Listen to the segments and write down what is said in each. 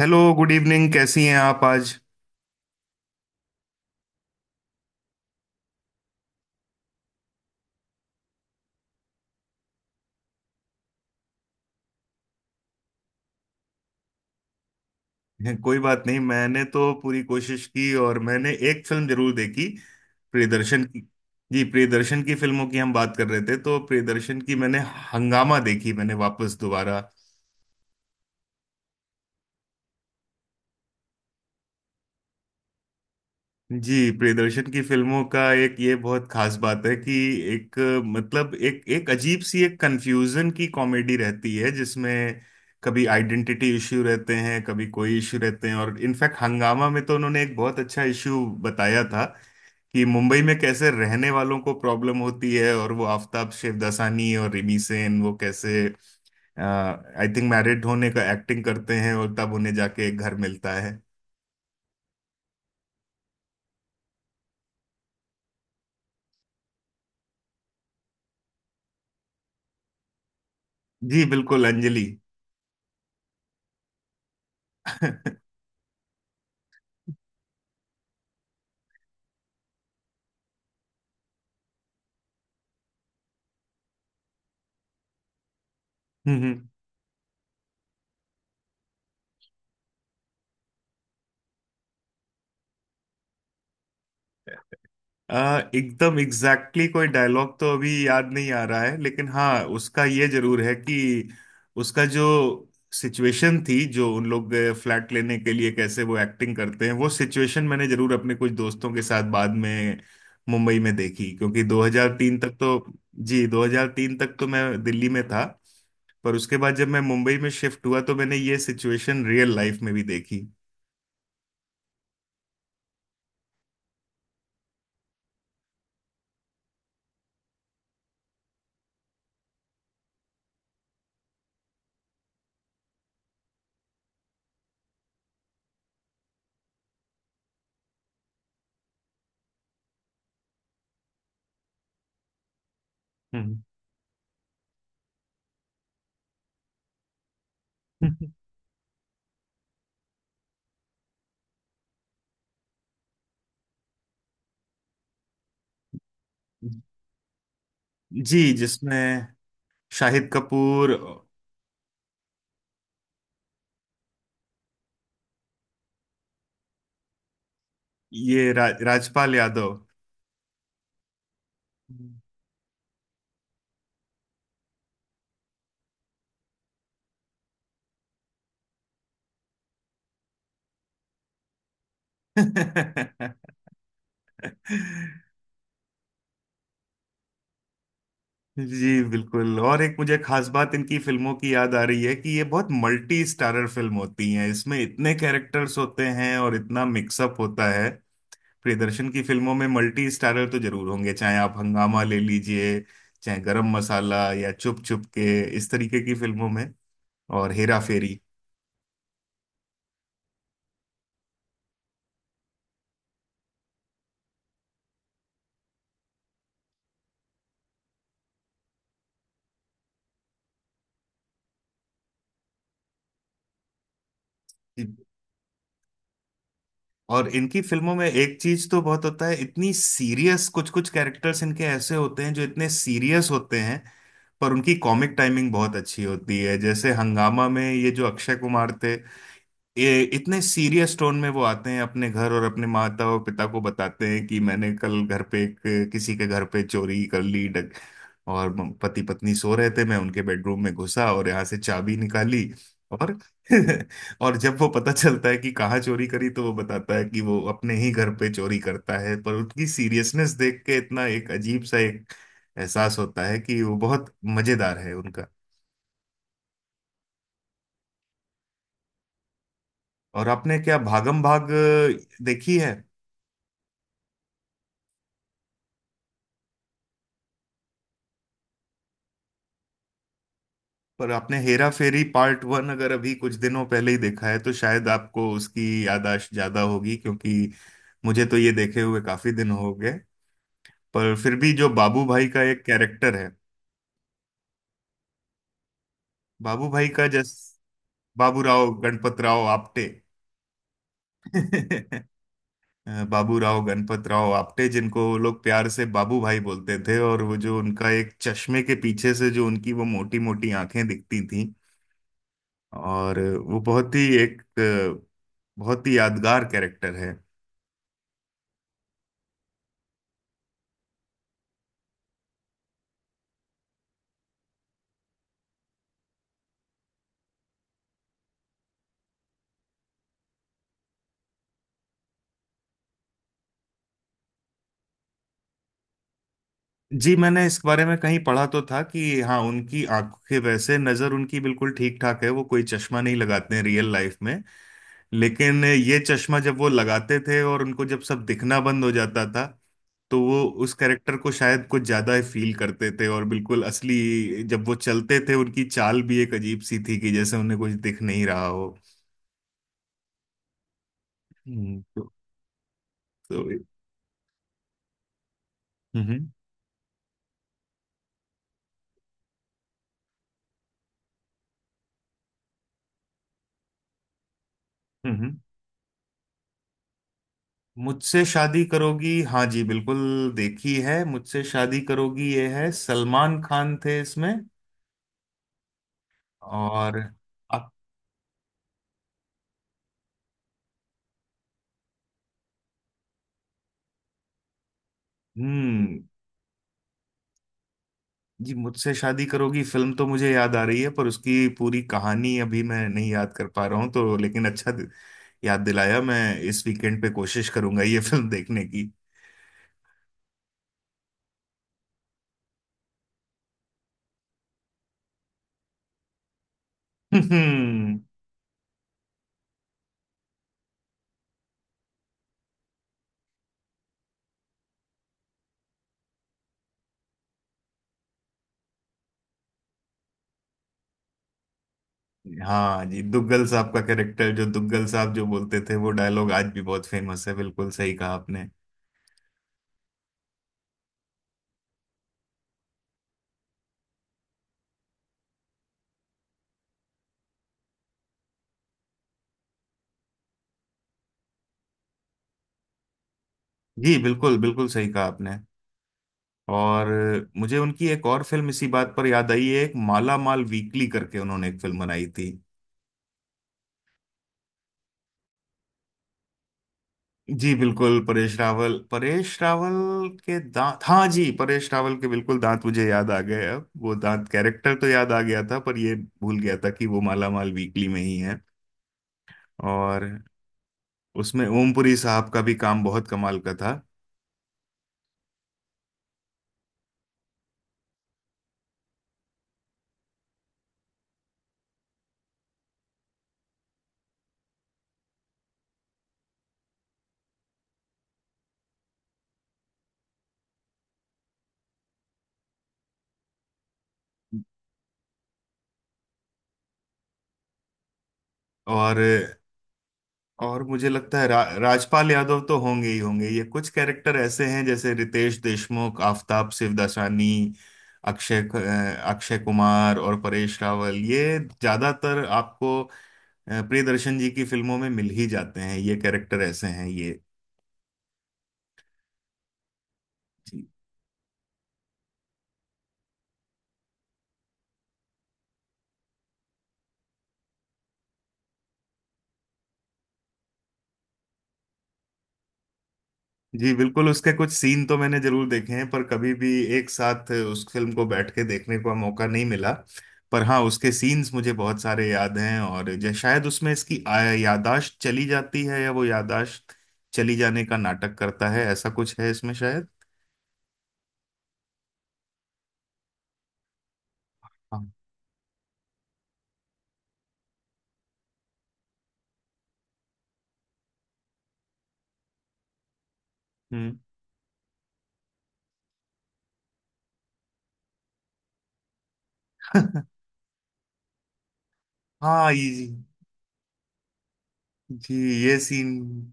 Hello good evening, कैसी हैं आप आज? कोई बात नहीं, मैंने तो पूरी कोशिश की और मैंने एक फिल्म जरूर देखी, प्रियदर्शन की। जी, प्रियदर्शन की फिल्मों की हम बात कर रहे थे तो प्रियदर्शन की मैंने हंगामा देखी, मैंने वापस दोबारा। जी, प्रियदर्शन की फिल्मों का एक ये बहुत खास बात है कि एक, मतलब एक एक अजीब सी एक कंफ्यूजन की कॉमेडी रहती है जिसमें कभी आइडेंटिटी इश्यू रहते हैं, कभी कोई इश्यू रहते हैं। और इनफैक्ट हंगामा में तो उन्होंने एक बहुत अच्छा इश्यू बताया था कि मुंबई में कैसे रहने वालों को प्रॉब्लम होती है, और वो आफताब शिवदासानी और रिमी सेन वो कैसे आई थिंक मैरिड होने का एक्टिंग करते हैं और तब उन्हें जाके एक घर मिलता है। जी बिल्कुल, अंजलि। हम्म। हम्म। एकदम एग्जैक्टली exactly कोई डायलॉग तो अभी याद नहीं आ रहा है, लेकिन हाँ, उसका ये जरूर है कि उसका जो सिचुएशन थी जो उन लोग फ्लैट लेने के लिए कैसे वो एक्टिंग करते हैं, वो सिचुएशन मैंने जरूर अपने कुछ दोस्तों के साथ बाद में मुंबई में देखी, क्योंकि 2003 तक तो, जी 2003 तक तो मैं दिल्ली में था। पर उसके बाद जब मैं मुंबई में शिफ्ट हुआ तो मैंने ये सिचुएशन रियल लाइफ में भी देखी। हम्म। जी, जिसमें शाहिद कपूर। ये राजपाल यादव। जी बिल्कुल। और एक मुझे खास बात इनकी फिल्मों की याद आ रही है कि ये बहुत मल्टी स्टारर फिल्म होती हैं, इसमें इतने कैरेक्टर्स होते हैं और इतना मिक्सअप होता है। प्रियदर्शन की फिल्मों में मल्टी स्टारर तो जरूर होंगे, चाहे आप हंगामा ले लीजिए, चाहे गरम मसाला या चुप चुप के, इस तरीके की फिल्मों में। और हेरा फेरी। और इनकी फिल्मों में एक चीज तो बहुत होता है, इतनी सीरियस कुछ कुछ कैरेक्टर्स इनके ऐसे होते हैं जो इतने सीरियस होते हैं, पर उनकी कॉमिक टाइमिंग बहुत अच्छी होती है। जैसे हंगामा में ये जो अक्षय कुमार थे, ये इतने सीरियस टोन में वो आते हैं अपने घर और अपने माता और पिता को बताते हैं कि मैंने कल घर पे एक, किसी के घर पे चोरी कर ली डक, और पति पत्नी सो रहे थे, मैं उनके बेडरूम में घुसा और यहाँ से चाबी निकाली और और जब वो पता चलता है कि कहाँ चोरी करी, तो वो बताता है कि वो अपने ही घर पे चोरी करता है। पर उनकी सीरियसनेस देख के इतना एक अजीब सा एक एहसास होता है कि वो बहुत मजेदार है उनका। और आपने क्या भागम भाग देखी है? पर आपने हेरा फेरी पार्ट वन अगर अभी कुछ दिनों पहले ही देखा है तो शायद आपको उसकी याददाश्त ज्यादा होगी, क्योंकि मुझे तो ये देखे हुए काफी दिन हो गए। पर फिर भी जो बाबू भाई का एक कैरेक्टर है, बाबू भाई का जस बाबू राव गणपत राव आपटे। बाबू राव गणपत राव आपटे, जिनको वो लोग प्यार से बाबू भाई बोलते थे, और वो जो उनका एक चश्मे के पीछे से जो उनकी वो मोटी मोटी आंखें दिखती थी, और वो बहुत ही एक अ, बहुत ही यादगार कैरेक्टर है। जी, मैंने इस बारे में कहीं पढ़ा तो था कि हाँ, उनकी आंखें, वैसे नज़र उनकी बिल्कुल ठीक ठाक है, वो कोई चश्मा नहीं लगाते हैं रियल लाइफ में। लेकिन ये चश्मा जब वो लगाते थे और उनको जब सब दिखना बंद हो जाता था, तो वो उस कैरेक्टर को शायद कुछ ज़्यादा फील करते थे। और बिल्कुल असली जब वो चलते थे, उनकी चाल भी एक अजीब सी थी कि जैसे उन्हें कुछ दिख नहीं रहा हो। हम्म, तो, तो हम्म हम्म हम्म। मुझसे शादी करोगी, हाँ जी बिल्कुल देखी है। मुझसे शादी करोगी, ये है, सलमान खान थे इसमें और अब। हम्म। जी, मुझसे शादी करोगी फिल्म तो मुझे याद आ रही है, पर उसकी पूरी कहानी अभी मैं नहीं याद कर पा रहा हूँ तो। लेकिन अच्छा याद दिलाया, मैं इस वीकेंड पे कोशिश करूंगा ये फिल्म देखने की। हम्म। हाँ जी, दुग्गल साहब का कैरेक्टर, जो दुग्गल साहब जो बोलते थे वो डायलॉग आज भी बहुत फेमस है, बिल्कुल सही कहा आपने। जी बिल्कुल, बिल्कुल सही कहा आपने। और मुझे उनकी एक और फिल्म इसी बात पर याद आई है, एक माला माल वीकली करके उन्होंने एक फिल्म बनाई थी। जी बिल्कुल, परेश रावल, परेश रावल के दांत, हाँ जी, परेश रावल के बिल्कुल दांत मुझे याद आ गए। अब वो दांत कैरेक्टर तो याद आ गया था पर ये भूल गया था कि वो माला माल वीकली में ही है। और उसमें ओमपुरी साहब का भी काम बहुत कमाल का था। और और मुझे लगता है राजपाल यादव तो होंगे ही होंगे। ये कुछ कैरेक्टर ऐसे हैं, जैसे रितेश देशमुख, आफताब शिवदासानी, अक्षय कुमार और परेश रावल, ये ज्यादातर आपको अ, प्रियदर्शन जी की फिल्मों में मिल ही जाते हैं। ये कैरेक्टर ऐसे हैं ये। जी बिल्कुल, उसके कुछ सीन तो मैंने जरूर देखे हैं पर कभी भी एक साथ उस फिल्म को बैठ के देखने का मौका नहीं मिला। पर हाँ, उसके सीन्स मुझे बहुत सारे याद हैं, और शायद उसमें यादाश्त चली जाती है, या वो यादाश्त चली जाने का नाटक करता है, ऐसा कुछ है इसमें शायद। हाँ। हम्म। हाँ ये, जी जी। ये सीन,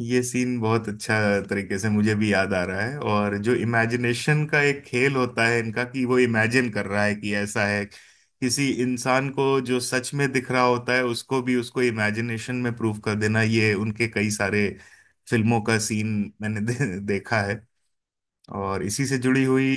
ये सीन बहुत अच्छा तरीके से मुझे भी याद आ रहा है। और जो इमेजिनेशन का एक खेल होता है इनका कि वो इमेजिन कर रहा है कि ऐसा है, किसी इंसान को जो सच में दिख रहा होता है उसको भी, उसको इमेजिनेशन में प्रूव कर देना, ये उनके कई सारे फिल्मों का सीन मैंने देखा है। और इसी से जुड़ी हुई,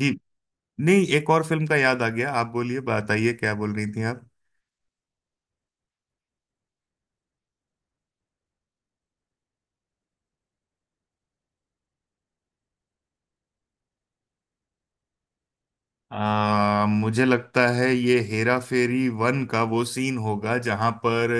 जी नहीं, एक और फिल्म का याद आ गया। आप बोलिए, बताइए क्या बोल रही थी आप। मुझे लगता है ये हेरा फेरी वन का वो सीन होगा जहां पर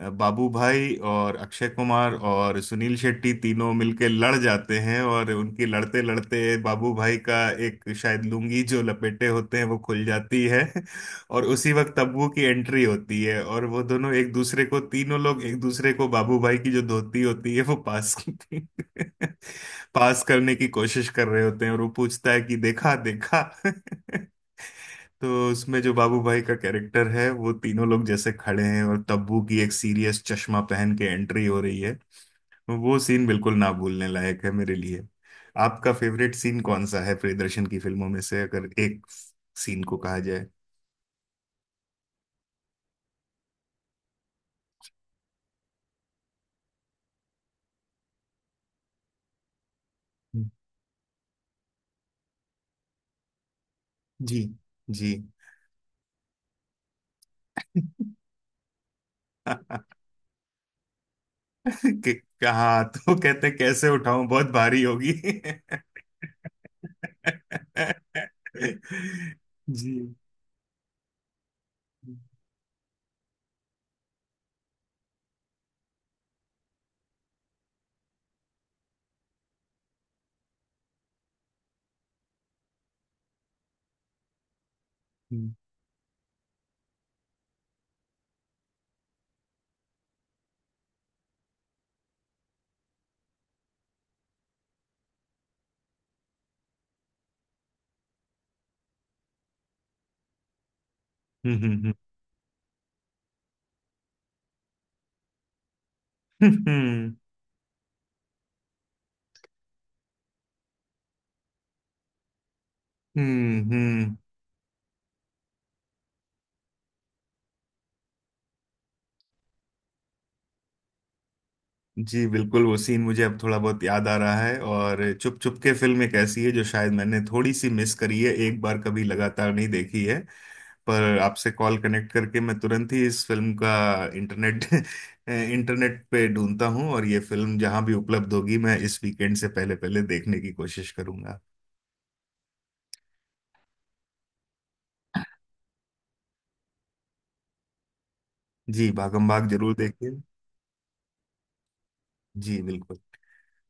बाबू भाई और अक्षय कुमार और सुनील शेट्टी तीनों मिलके लड़ जाते हैं और उनकी लड़ते लड़ते बाबू भाई का एक शायद लुंगी जो लपेटे होते हैं वो खुल जाती है और उसी वक्त तब्बू की एंट्री होती है, और वो दोनों एक दूसरे को, तीनों लोग एक दूसरे को बाबू भाई की जो धोती होती है वो पास करते हैं, पास करने की कोशिश कर रहे होते हैं। और वो पूछता है कि देखा देखा। तो उसमें जो बाबू भाई का कैरेक्टर है, वो तीनों लोग जैसे खड़े हैं और तब्बू की एक सीरियस चश्मा पहन के एंट्री हो रही है, वो सीन बिल्कुल ना भूलने लायक है मेरे लिए। आपका फेवरेट सीन कौन सा है प्रियदर्शन की फिल्मों में से, अगर एक सीन को कहा जाए? जी। जी। कि- कहा तो कहते कैसे उठाऊं, बहुत भारी होगी। जी। हम्म। हम्म। हम्म। हम्म। हम्म। जी बिल्कुल, वो सीन मुझे अब थोड़ा बहुत याद आ रहा है। और चुप चुप के फिल्म एक ऐसी है जो शायद मैंने थोड़ी सी मिस करी है, एक बार कभी लगातार नहीं देखी है। पर आपसे कॉल कनेक्ट करके मैं तुरंत ही इस फिल्म का इंटरनेट इंटरनेट पे ढूंढता हूँ, और ये फिल्म जहां भी उपलब्ध होगी मैं इस वीकेंड से पहले पहले देखने की कोशिश करूंगा। जी, भागम भाग जरूर देखिए। जी बिल्कुल।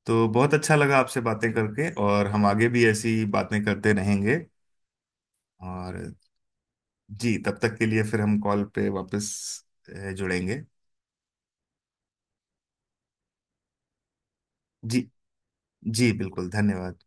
तो बहुत अच्छा लगा आपसे बातें करके, और हम आगे भी ऐसी बातें करते रहेंगे। और जी, तब तक के लिए फिर हम कॉल पे वापस जुड़ेंगे। जी। जी बिल्कुल, धन्यवाद।